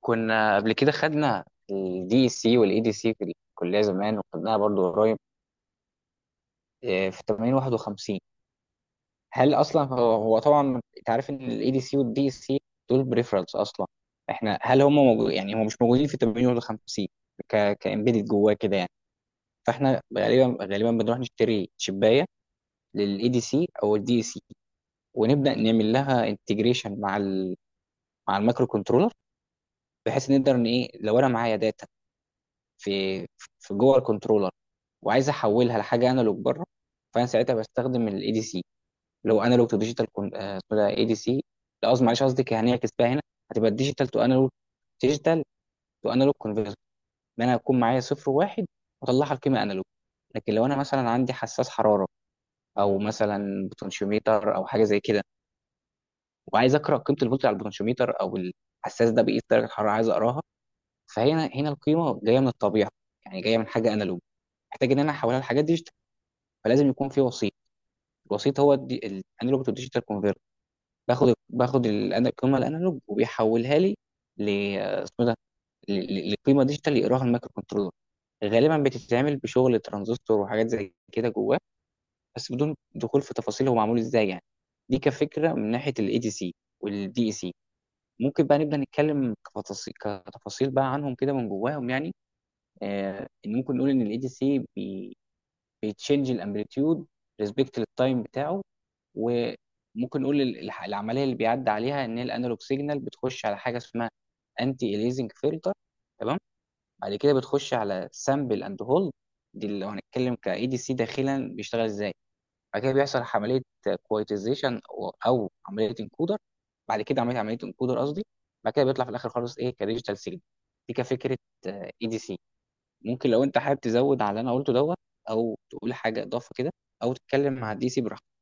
كنا قبل كده خدنا الدي اي سي والاي دي سي في الكليه زمان، وخدناها برضو قريب في 8051. هل اصلا هو طبعا انت عارف ان الاي دي سي والدي اي سي دول بريفرنس اصلا. احنا هل هم موجود؟ يعني هم مش موجودين في 8051 كامبيدد جواه كده يعني. فاحنا غالبا غالبا بنروح نشتري شبايه للاي دي سي او الدي اي سي، ونبدا نعمل لها انتجريشن مع المايكرو كنترولر، بحيث نقدر ان ايه لو انا معايا داتا في في جوه الكنترولر، وعايز احولها لحاجه انالوج بره، فانا ساعتها بستخدم الاي دي سي اللي هو انالوج تو ديجيتال. اي دي سي، لا قصدي، معلش قصدي كان هنعكس بقى هنا، هتبقى ديجيتال تو انالوج. ديجيتال تو انالوج كونفرتر، ان انا هكون معايا صفر وواحد واطلعها القيمه انالوج. لكن لو انا مثلا عندي حساس حراره او مثلا بوتنشيوميتر او حاجه زي كده، وعايز اقرا قيمه الفولت على البوتنشيوميتر، او الحساس ده بيقيس درجه حراره عايز اقراها، فهنا القيمه جايه من الطبيعه، يعني جايه من حاجه انالوج، محتاج ان انا احولها لحاجات ديجيتال، فلازم يكون في وسيط. الوسيط هو الانالوج تو ديجيتال كونفرتر. باخد القيمه الانالوج وبيحولها لي ل اسمه ده ل- ل- لقيمه ديجيتال يقراها المايكرو كنترولر. غالبا بتتعمل بشغل ترانزستور وحاجات زي كده جواه، بس بدون دخول في تفاصيل هو معمول ازاي يعني. دي كفكره من ناحيه الاي دي سي والدي اي سي. ممكن بقى نبدا نتكلم كتفاصيل كتفاصيل بقى عنهم كده من جواهم يعني. ان ممكن نقول ان الاي دي سي بيتشنج الامبليتيود ريسبكت للتايم بتاعه. وممكن نقول العمليه اللي بيعدي عليها ان هي الانالوج سيجنال بتخش على حاجه اسمها انتي اليزنج فلتر، تمام. بعد كده بتخش على سامبل اند هولد، دي اللي لو هنتكلم كاي دي سي داخلا بيشتغل ازاي. بعد كده بيحصل عمليه كويتيزيشن او عمليه انكودر. بعد كده عمليه انكودر قصدي. بعد كده بيطلع في الاخر خالص ايه كديجيتال سيجنال. دي كفكره اي دي سي. ممكن لو انت حابب تزود على اللي انا قلته دوت، او تقول حاجه اضافه كده، او تتكلم مع الدي سي براحتك.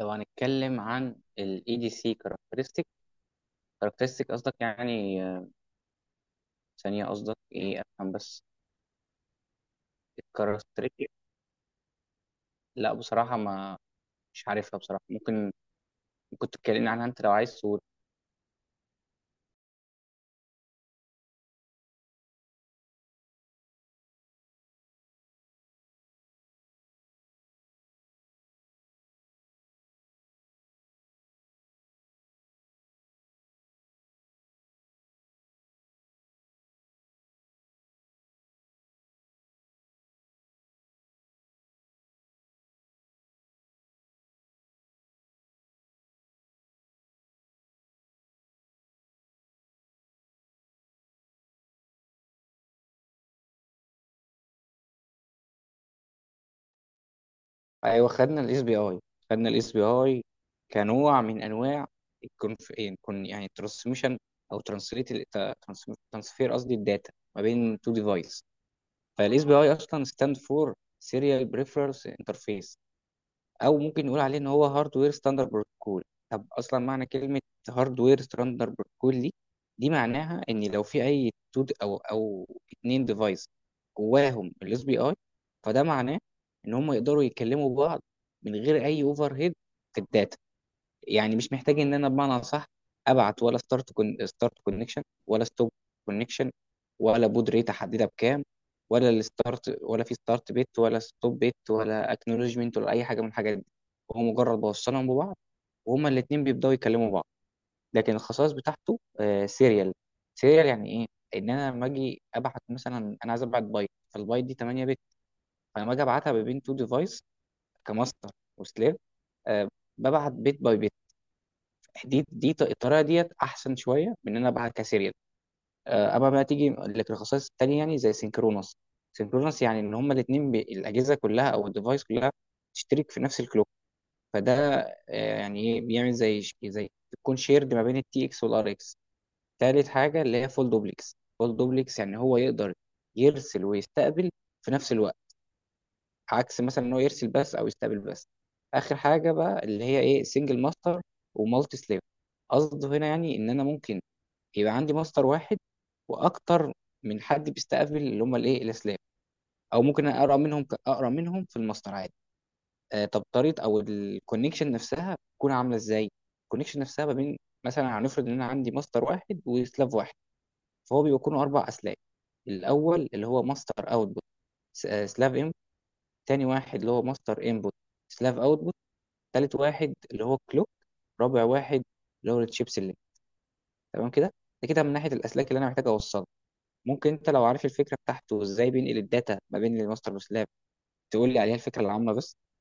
لو هنتكلم عن ال EDC characteristic قصدك؟ يعني ثانية قصدك ايه افهم بس، الكاركترستيك. لا، بصراحة ما مش عارفها بصراحة، ممكن تتكلمني عنها انت لو عايز تقول. ايوه، خدنا الاس بي اي كنوع من انواع الكونف كون يعني ترانسميشن او ترانسليت ترانسفير قصدي الداتا ما بين تو ديفايس. فالاس بي اي اصلا ستاند فور سيريال بريفرنس انترفيس، او ممكن نقول عليه ان هو هاردوير ستاندرد بروتوكول. طب اصلا معنى كلمه هاردوير ستاندرد بروتوكول دي، معناها ان لو في اي تو او اتنين ديفايس جواهم الاس بي اي، فده معناه ان هم يقدروا يتكلموا بعض من غير اي اوفر هيد في الداتا. يعني مش محتاج ان انا بمعنى صح ابعت، ولا ستارت كونكشن، ولا ستوب كونكشن، ولا بود ريت احددها بكام، ولا الستارت، ولا في ستارت بيت، ولا ستوب بيت، ولا اكنولوجمنت، ولا اي حاجه من الحاجات دي. هو مجرد بوصلهم ببعض وهما الاثنين بيبداوا يكلموا بعض. لكن الخصائص بتاعته سيريال. سيريال يعني ايه؟ ان انا لما اجي ابعت مثلا، انا عايز ابعت بايت فالبايت دي 8 بت، فلما اجي ابعتها ما بين تو ديفايس كماستر وسليف، آه، ببعت بيت باي بيت. الطريقه ديت احسن شويه من ان انا ابعت كسيريال. اما بقى تيجي للرخصات التانيه يعني زي سينكرونس. سينكرونس يعني ان هما الاثنين الاجهزه كلها او الديفايس كلها تشترك في نفس الكلوك. فده، يعني ايه بيعمل زي زي تكون شيرد ما بين التي اكس والار اكس. تالت حاجه اللي هي فول دوبلكس. فول دوبلكس يعني هو يقدر يرسل ويستقبل في نفس الوقت، عكس مثلا ان هو يرسل بس او يستقبل بس. اخر حاجه بقى اللي هي ايه سنجل ماستر ومالتي سليف. قصده هنا يعني ان انا ممكن يبقى عندي مصدر واحد واكتر من حد بيستقبل اللي هم الايه الاسلام. او ممكن أنا اقرا منهم في المصدر عادي. طب طريقه او الكونكشن نفسها بتكون عامله ازاي؟ الكونكشن نفسها ما بين مثلا، هنفرض ان انا عندي مصدر واحد وسلاف واحد، فهو بيكونوا اربع اسلاك. الاول اللي هو ماستر اوتبوت سلاف انبوت. تاني واحد اللي هو ماستر انبوت سلاف اوتبوت. تالت واحد اللي هو كلوك. رابع واحد اللي هو التشيب سيلكت. تمام كده. ده كده من ناحيه الاسلاك اللي انا محتاج اوصلها. ممكن انت لو عارف الفكره بتاعته وازاي بينقل الداتا ما بين الماستر وسلاب، تقول لي عليها الفكره العامه بس.